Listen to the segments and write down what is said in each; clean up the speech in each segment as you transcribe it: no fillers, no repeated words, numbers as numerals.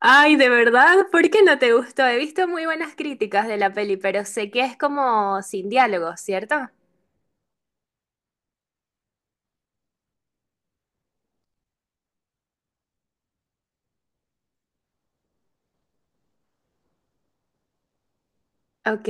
Ay, ¿de verdad? ¿Por qué no te gustó? He visto muy buenas críticas de la peli, pero sé que es como sin diálogo, ¿cierto? Ok.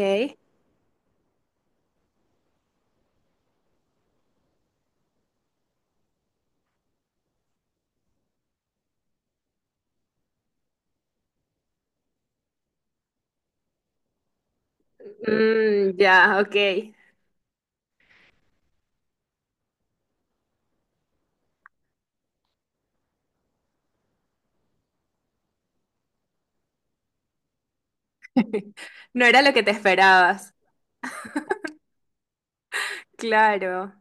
Mm, ya, ok. No era lo que te esperabas. Claro.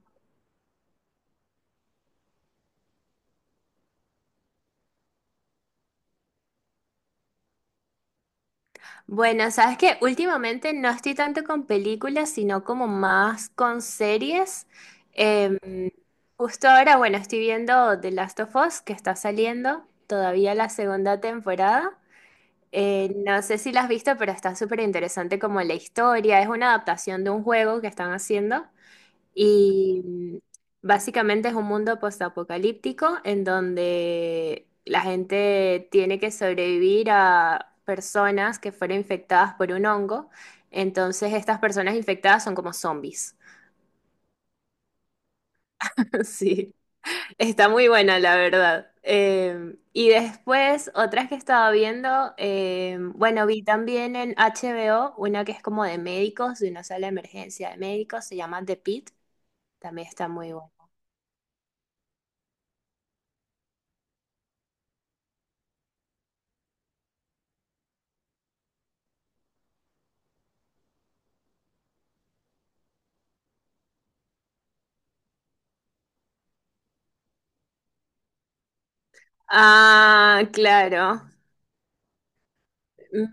Bueno, sabes que últimamente no estoy tanto con películas, sino como más con series. Em, Justo ahora, bueno, estoy viendo The Last of Us, que está saliendo todavía la segunda temporada. No sé si la has visto, pero está súper interesante como la historia. Es una adaptación de un juego que están haciendo y básicamente es un mundo postapocalíptico en donde la gente tiene que sobrevivir a personas que fueron infectadas por un hongo. Entonces estas personas infectadas son como zombies. Sí. Está muy buena, la verdad. Y después, otras que estaba viendo, bueno, vi también en HBO una que es como de médicos, de una sala de emergencia de médicos, se llama The Pit, también está muy buena. Ah, claro.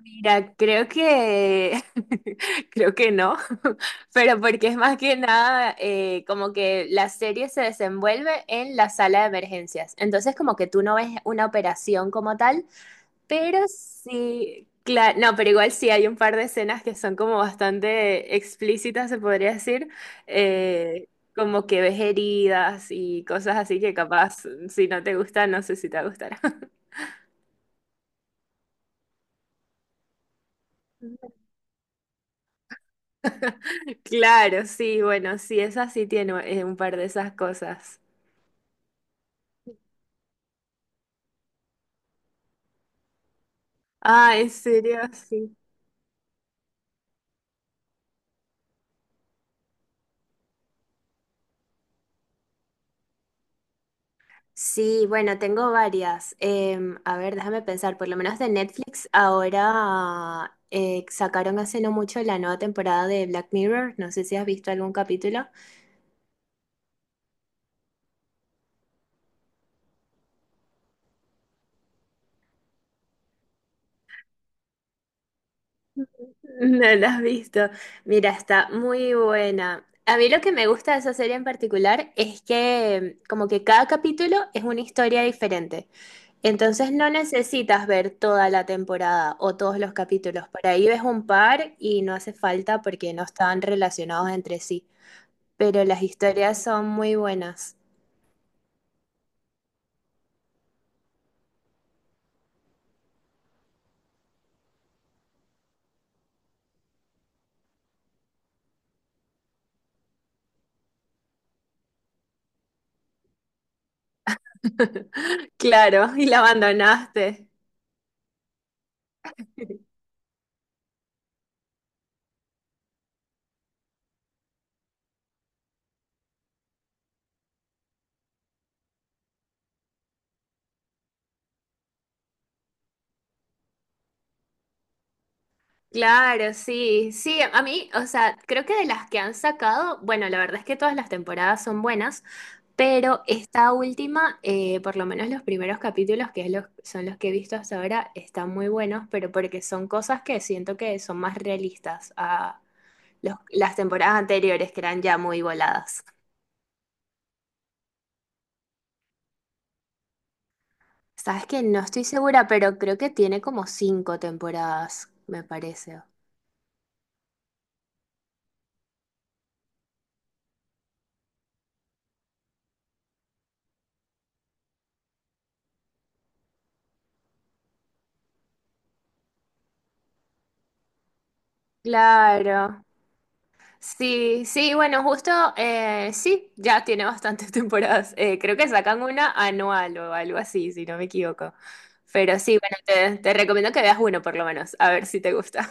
Mira, creo que creo que no, pero porque es más que nada como que la serie se desenvuelve en la sala de emergencias. Entonces como que tú no ves una operación como tal. Pero sí, claro, no, pero igual sí hay un par de escenas que son como bastante explícitas, se podría decir, eh, como que ves heridas y cosas así que capaz, si no te gusta, no sé si te gustará. Claro, sí, bueno, sí, esa sí tiene un par de esas cosas. Ah, en serio, sí. Sí, bueno, tengo varias. A ver, déjame pensar, por lo menos de Netflix ahora sacaron hace no mucho la nueva temporada de Black Mirror. No sé si has visto algún capítulo. No la has visto. Mira, está muy buena. A mí lo que me gusta de esa serie en particular es que como que cada capítulo es una historia diferente. Entonces no necesitas ver toda la temporada o todos los capítulos. Por ahí ves un par y no hace falta porque no están relacionados entre sí, pero las historias son muy buenas. Claro, y la abandonaste. Claro, sí, sí, a mí, o sea, creo que de las que han sacado, bueno, la verdad es que todas las temporadas son buenas, pero esta última, por lo menos los primeros capítulos, que es los- son los que he visto hasta ahora, están muy buenos, pero porque son cosas que siento que son más realistas a los- las temporadas anteriores, que eran ya muy voladas. Sabes que no estoy segura, pero creo que tiene como cinco temporadas, me parece. Claro. Sí, sí, bueno, justo, sí, ya tiene bastantes temporadas. Creo que sacan una anual o algo así, si no me equivoco. Pero sí, bueno, te, recomiendo que veas uno por lo menos, a ver si te gusta.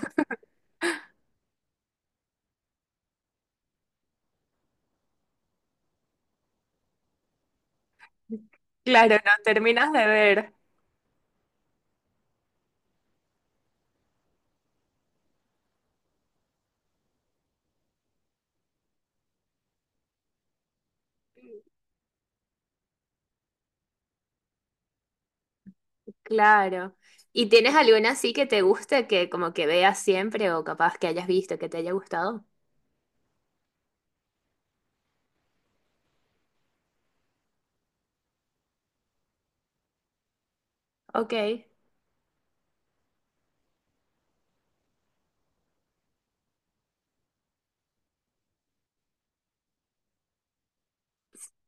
Claro, no terminas de ver. Claro. ¿Y tienes alguna así que te guste, que como que veas siempre o capaz que hayas visto, que te haya gustado? Ok.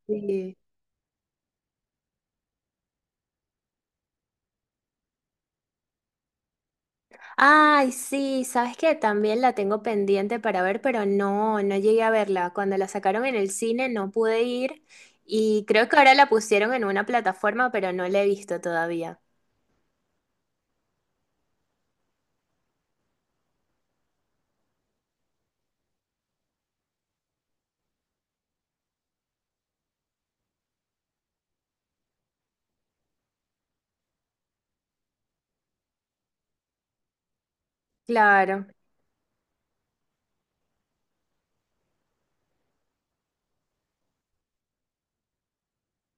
Sí. Ay, sí, sabes que también la tengo pendiente para ver, pero no, no llegué a verla. Cuando la sacaron en el cine no pude ir y creo que ahora la pusieron en una plataforma, pero no la he visto todavía. Claro.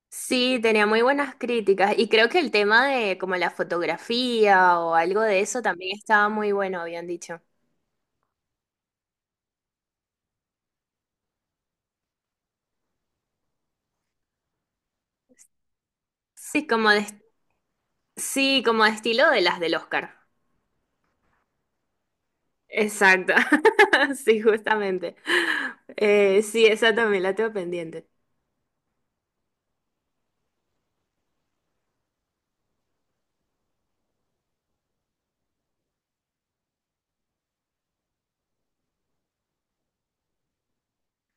Sí, tenía muy buenas críticas y creo que el tema de como la fotografía o algo de eso también estaba muy bueno, habían dicho. Sí, como de, sí, como de estilo de las del Oscar. Exacto. Sí, justamente. Sí, esa también la tengo pendiente.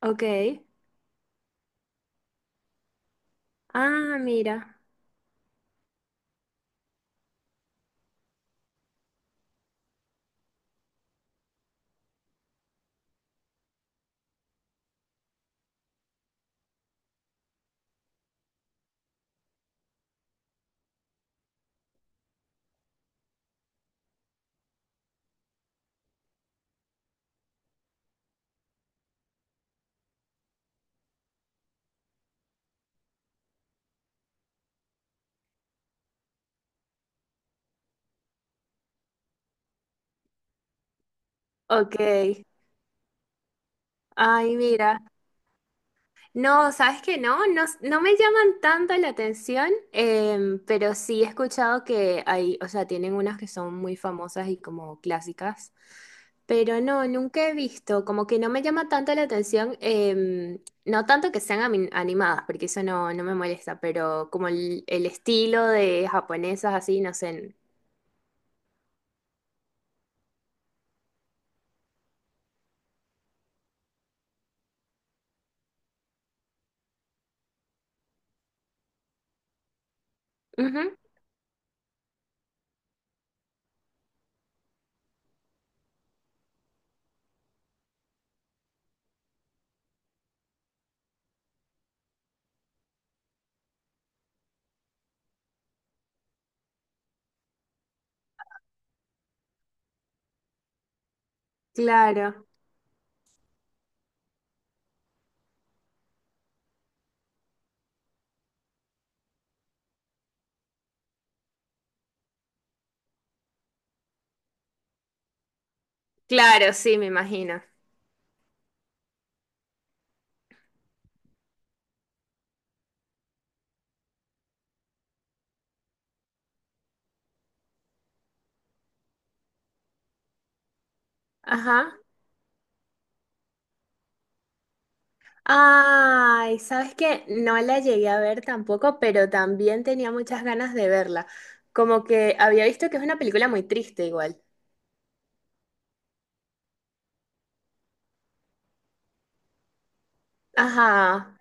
Ok. Ah, mira. Ok. Ay, mira. No, ¿sabes qué? No, no, no me llaman tanto la atención, pero sí he escuchado que hay, o sea, tienen unas que son muy famosas y como clásicas. Pero no, nunca he visto, como que no me llama tanto la atención, no tanto que sean ami- animadas, porque eso no, no me molesta, pero como el, estilo de japonesas así, no sé. Ujú. Claro, claro, sí, me imagino. Ajá. Ay, sabes que no la llegué a ver tampoco, pero también tenía muchas ganas de verla. Como que había visto que es una película muy triste igual. Ajá,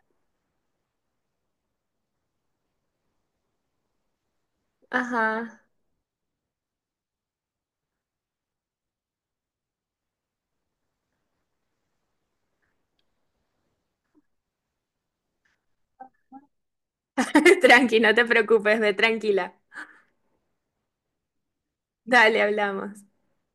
ajá. Tranqui, no te preocupes, ve tranquila. Dale, hablamos.